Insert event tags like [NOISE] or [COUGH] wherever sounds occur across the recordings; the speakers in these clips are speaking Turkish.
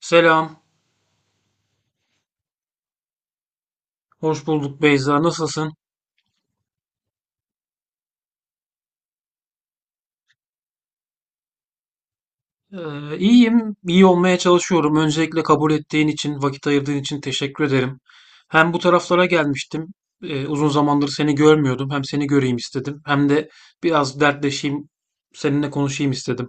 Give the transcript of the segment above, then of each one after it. Selam, hoş bulduk Beyza. Nasılsın? İyiyim, iyi olmaya çalışıyorum. Öncelikle kabul ettiğin için, vakit ayırdığın için teşekkür ederim. Hem bu taraflara gelmiştim. Uzun zamandır seni görmüyordum. Hem seni göreyim istedim, hem de biraz dertleşeyim, seninle konuşayım istedim.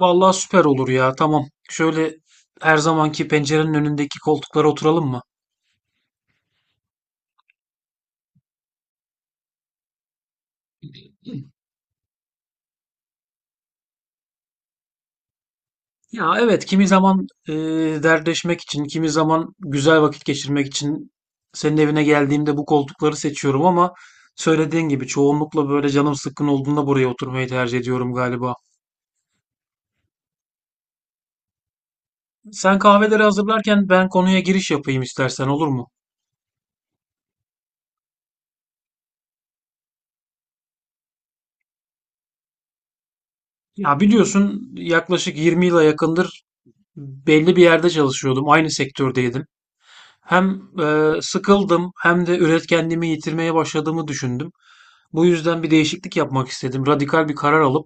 Vallahi süper olur ya, tamam. Şöyle her zamanki pencerenin önündeki koltuklara oturalım mı? Ya evet, kimi zaman dertleşmek için, kimi zaman güzel vakit geçirmek için senin evine geldiğimde bu koltukları seçiyorum, ama söylediğin gibi çoğunlukla böyle canım sıkkın olduğunda buraya oturmayı tercih ediyorum galiba. Sen kahveleri hazırlarken ben konuya giriş yapayım istersen, olur mu? Ya biliyorsun, yaklaşık 20 yıla yakındır belli bir yerde çalışıyordum. Aynı sektördeydim. Hem, sıkıldım, hem de üretkenliğimi yitirmeye başladığımı düşündüm. Bu yüzden bir değişiklik yapmak istedim. Radikal bir karar alıp,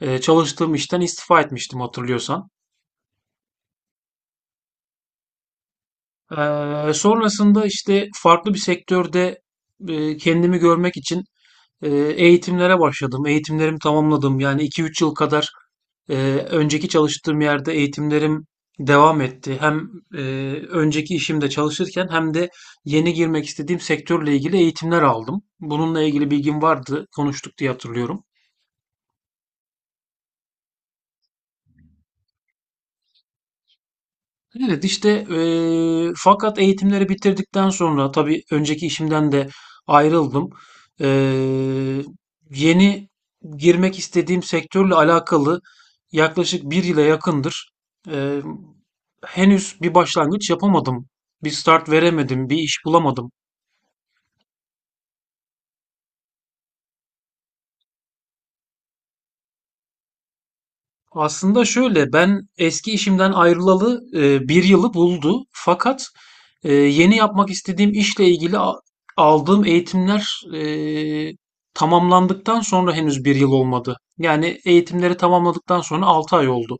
çalıştığım işten istifa etmiştim, hatırlıyorsan. Sonrasında işte farklı bir sektörde, kendimi görmek için e, eğitimlere başladım. Eğitimlerimi tamamladım. Yani iki üç yıl kadar e, önceki çalıştığım yerde eğitimlerim devam etti. Hem e, önceki işimde çalışırken, hem de yeni girmek istediğim sektörle ilgili eğitimler aldım. Bununla ilgili bilgim vardı. Konuştuk diye hatırlıyorum. Evet, işte fakat eğitimleri bitirdikten sonra tabii önceki işimden de ayrıldım. Eee, yeni girmek istediğim sektörle alakalı yaklaşık bir yıla yakındır eee, henüz bir başlangıç yapamadım. Bir start veremedim, bir iş bulamadım. Aslında şöyle, ben eski işimden ayrılalı bir yılı buldu. Fakat yeni yapmak istediğim işle ilgili aldığım eğitimler tamamlandıktan sonra henüz bir yıl olmadı. Yani eğitimleri tamamladıktan sonra 6 ay oldu.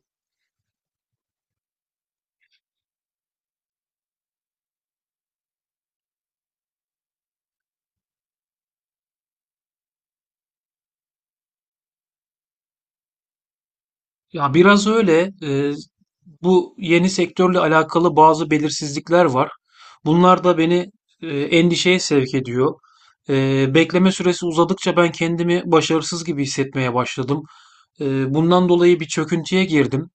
Ya biraz öyle. Bu yeni sektörle alakalı bazı belirsizlikler var. Bunlar da beni endişeye sevk ediyor. Bekleme süresi uzadıkça ben kendimi başarısız gibi hissetmeye başladım. Bundan dolayı bir çöküntüye girdim.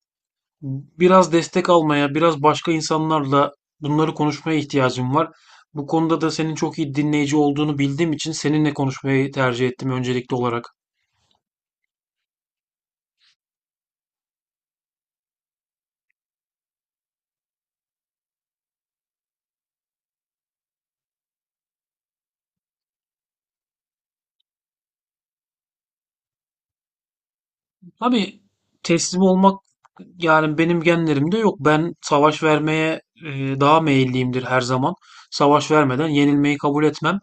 Biraz destek almaya, biraz başka insanlarla bunları konuşmaya ihtiyacım var. Bu konuda da senin çok iyi dinleyici olduğunu bildiğim için seninle konuşmayı tercih ettim öncelikli olarak. Tabii, teslim olmak yani benim genlerimde yok. Ben savaş vermeye e, daha meyilliyimdir her zaman. Savaş vermeden yenilmeyi kabul etmem.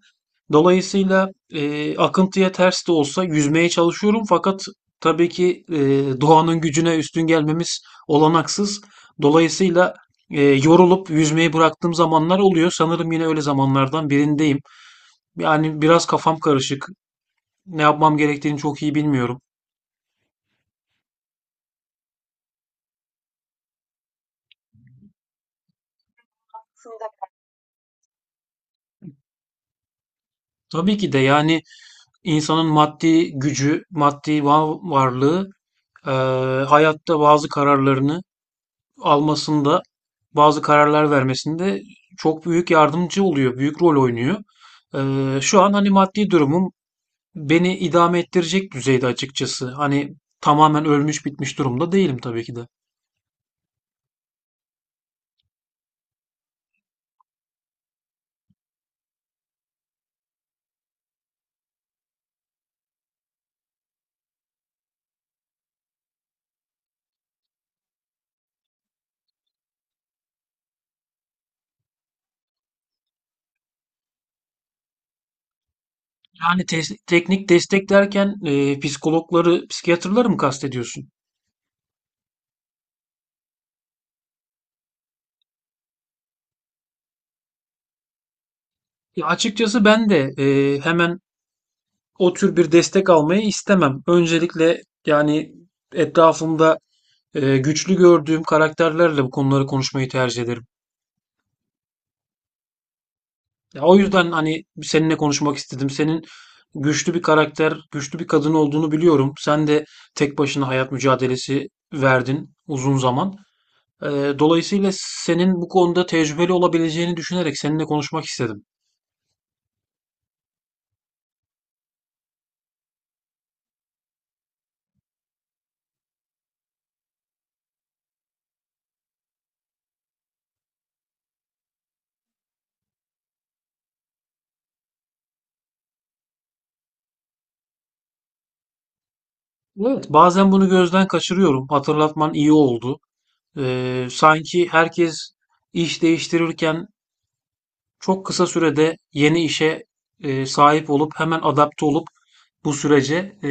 Dolayısıyla akıntıya ters de olsa yüzmeye çalışıyorum, fakat tabii ki doğanın gücüne üstün gelmemiz olanaksız. Dolayısıyla yorulup yüzmeyi bıraktığım zamanlar oluyor. Sanırım yine öyle zamanlardan birindeyim. Yani biraz kafam karışık. Ne yapmam gerektiğini çok iyi bilmiyorum. Tabii ki de, yani İnsanın maddi gücü, maddi varlığı hayatta bazı kararlarını almasında, bazı kararlar vermesinde çok büyük yardımcı oluyor, büyük rol oynuyor. Şu an hani maddi durumum beni idame ettirecek düzeyde açıkçası. Hani tamamen ölmüş bitmiş durumda değilim tabii ki de. Yani teknik destek derken psikologları, psikiyatrları mı kastediyorsun? Ya açıkçası ben de hemen o tür bir destek almayı istemem. Öncelikle yani etrafımda güçlü gördüğüm karakterlerle bu konuları konuşmayı tercih ederim. Ya, o yüzden hani seninle konuşmak istedim. Senin güçlü bir karakter, güçlü bir kadın olduğunu biliyorum. Sen de tek başına hayat mücadelesi verdin uzun zaman. Ee, dolayısıyla senin bu konuda tecrübeli olabileceğini düşünerek seninle konuşmak istedim. Bazen bunu gözden kaçırıyorum. Hatırlatman iyi oldu. Sanki herkes iş değiştirirken çok kısa sürede yeni işe sahip olup hemen adapte olup bu sürece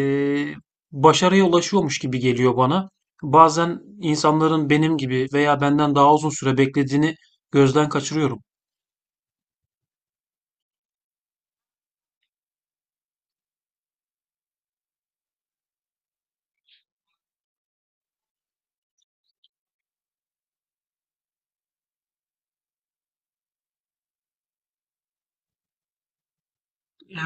başarıya ulaşıyormuş gibi geliyor bana. Bazen insanların benim gibi veya benden daha uzun süre beklediğini gözden kaçırıyorum.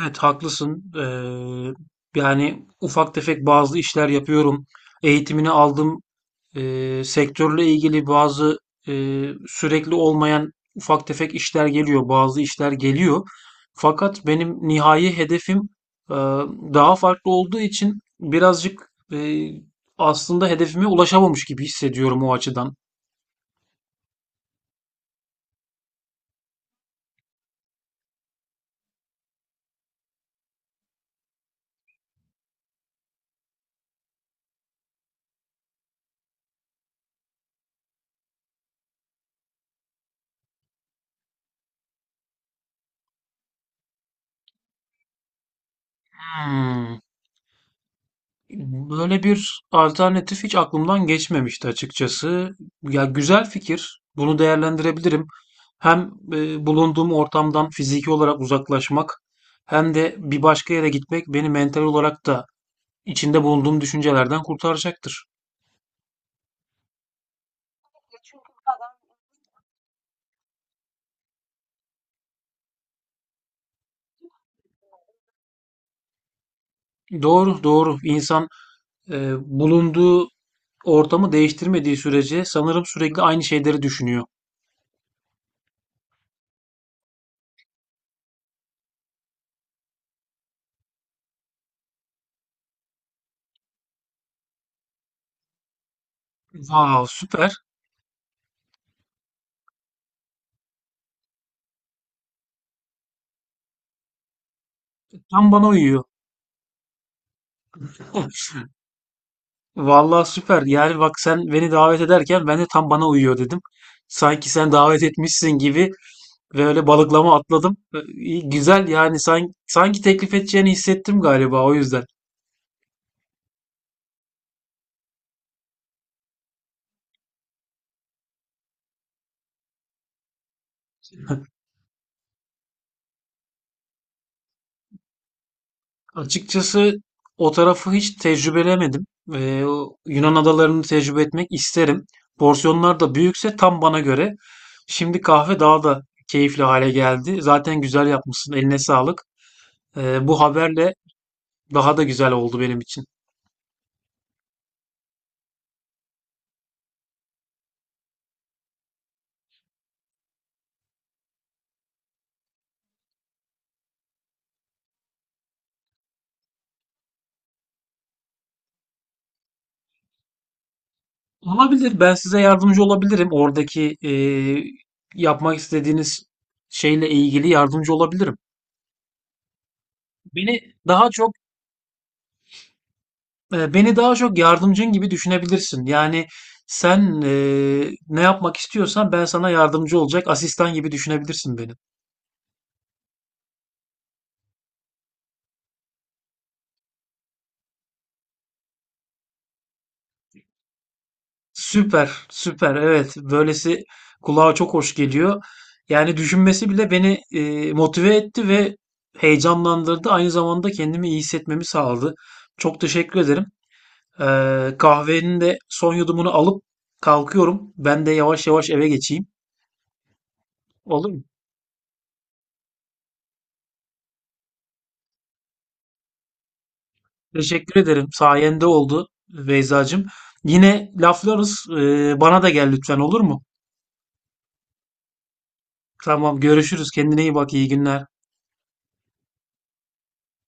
Evet, haklısın. Yani ufak tefek bazı işler yapıyorum. Eğitimini aldım. Sektörle ilgili bazı sürekli olmayan ufak tefek işler geliyor, bazı işler geliyor. Fakat benim nihai hedefim eee, daha farklı olduğu için birazcık aslında hedefime ulaşamamış gibi hissediyorum o açıdan. Hmm. Böyle bir alternatif hiç aklımdan geçmemişti açıkçası. Ya, güzel fikir. Bunu değerlendirebilirim. Hem bulunduğum ortamdan fiziki olarak uzaklaşmak, hem de bir başka yere gitmek beni mental olarak da içinde bulunduğum düşüncelerden kurtaracaktır. Doğru, doğru. İnsan e, bulunduğu ortamı değiştirmediği sürece sanırım sürekli aynı şeyleri düşünüyor. Vav, süper. Tam bana uyuyor. [LAUGHS] Vallahi süper. Yani bak, sen beni davet ederken ben de tam bana uyuyor dedim. Sanki sen davet etmişsin gibi ve öyle balıklama atladım. İyi, güzel, yani sanki teklif edeceğini hissettim galiba o yüzden. [LAUGHS] Açıkçası o tarafı hiç tecrübelemedim. O Yunan adalarını tecrübe etmek isterim. Porsiyonlar da büyükse tam bana göre. Şimdi kahve daha da keyifli hale geldi. Zaten güzel yapmışsın. Eline sağlık. Bu haberle daha da güzel oldu benim için. Olabilir. Ben size yardımcı olabilirim. Oradaki yapmak istediğiniz şeyle ilgili yardımcı olabilirim. Beni daha çok beni daha çok yardımcın gibi düşünebilirsin. Yani sen ne yapmak istiyorsan ben sana yardımcı olacak asistan gibi düşünebilirsin beni. Süper, süper. Evet, böylesi kulağa çok hoş geliyor. Yani düşünmesi bile beni motive etti ve heyecanlandırdı. Aynı zamanda kendimi iyi hissetmemi sağladı. Çok teşekkür ederim. Kahvenin de son yudumunu alıp kalkıyorum. Ben de yavaş yavaş eve geçeyim. Olur mu? Teşekkür ederim. Sayende oldu, Beyzacığım. Yine laflarız. Bana da gel lütfen, olur mu? Tamam, görüşürüz. Kendine iyi bak. İyi günler.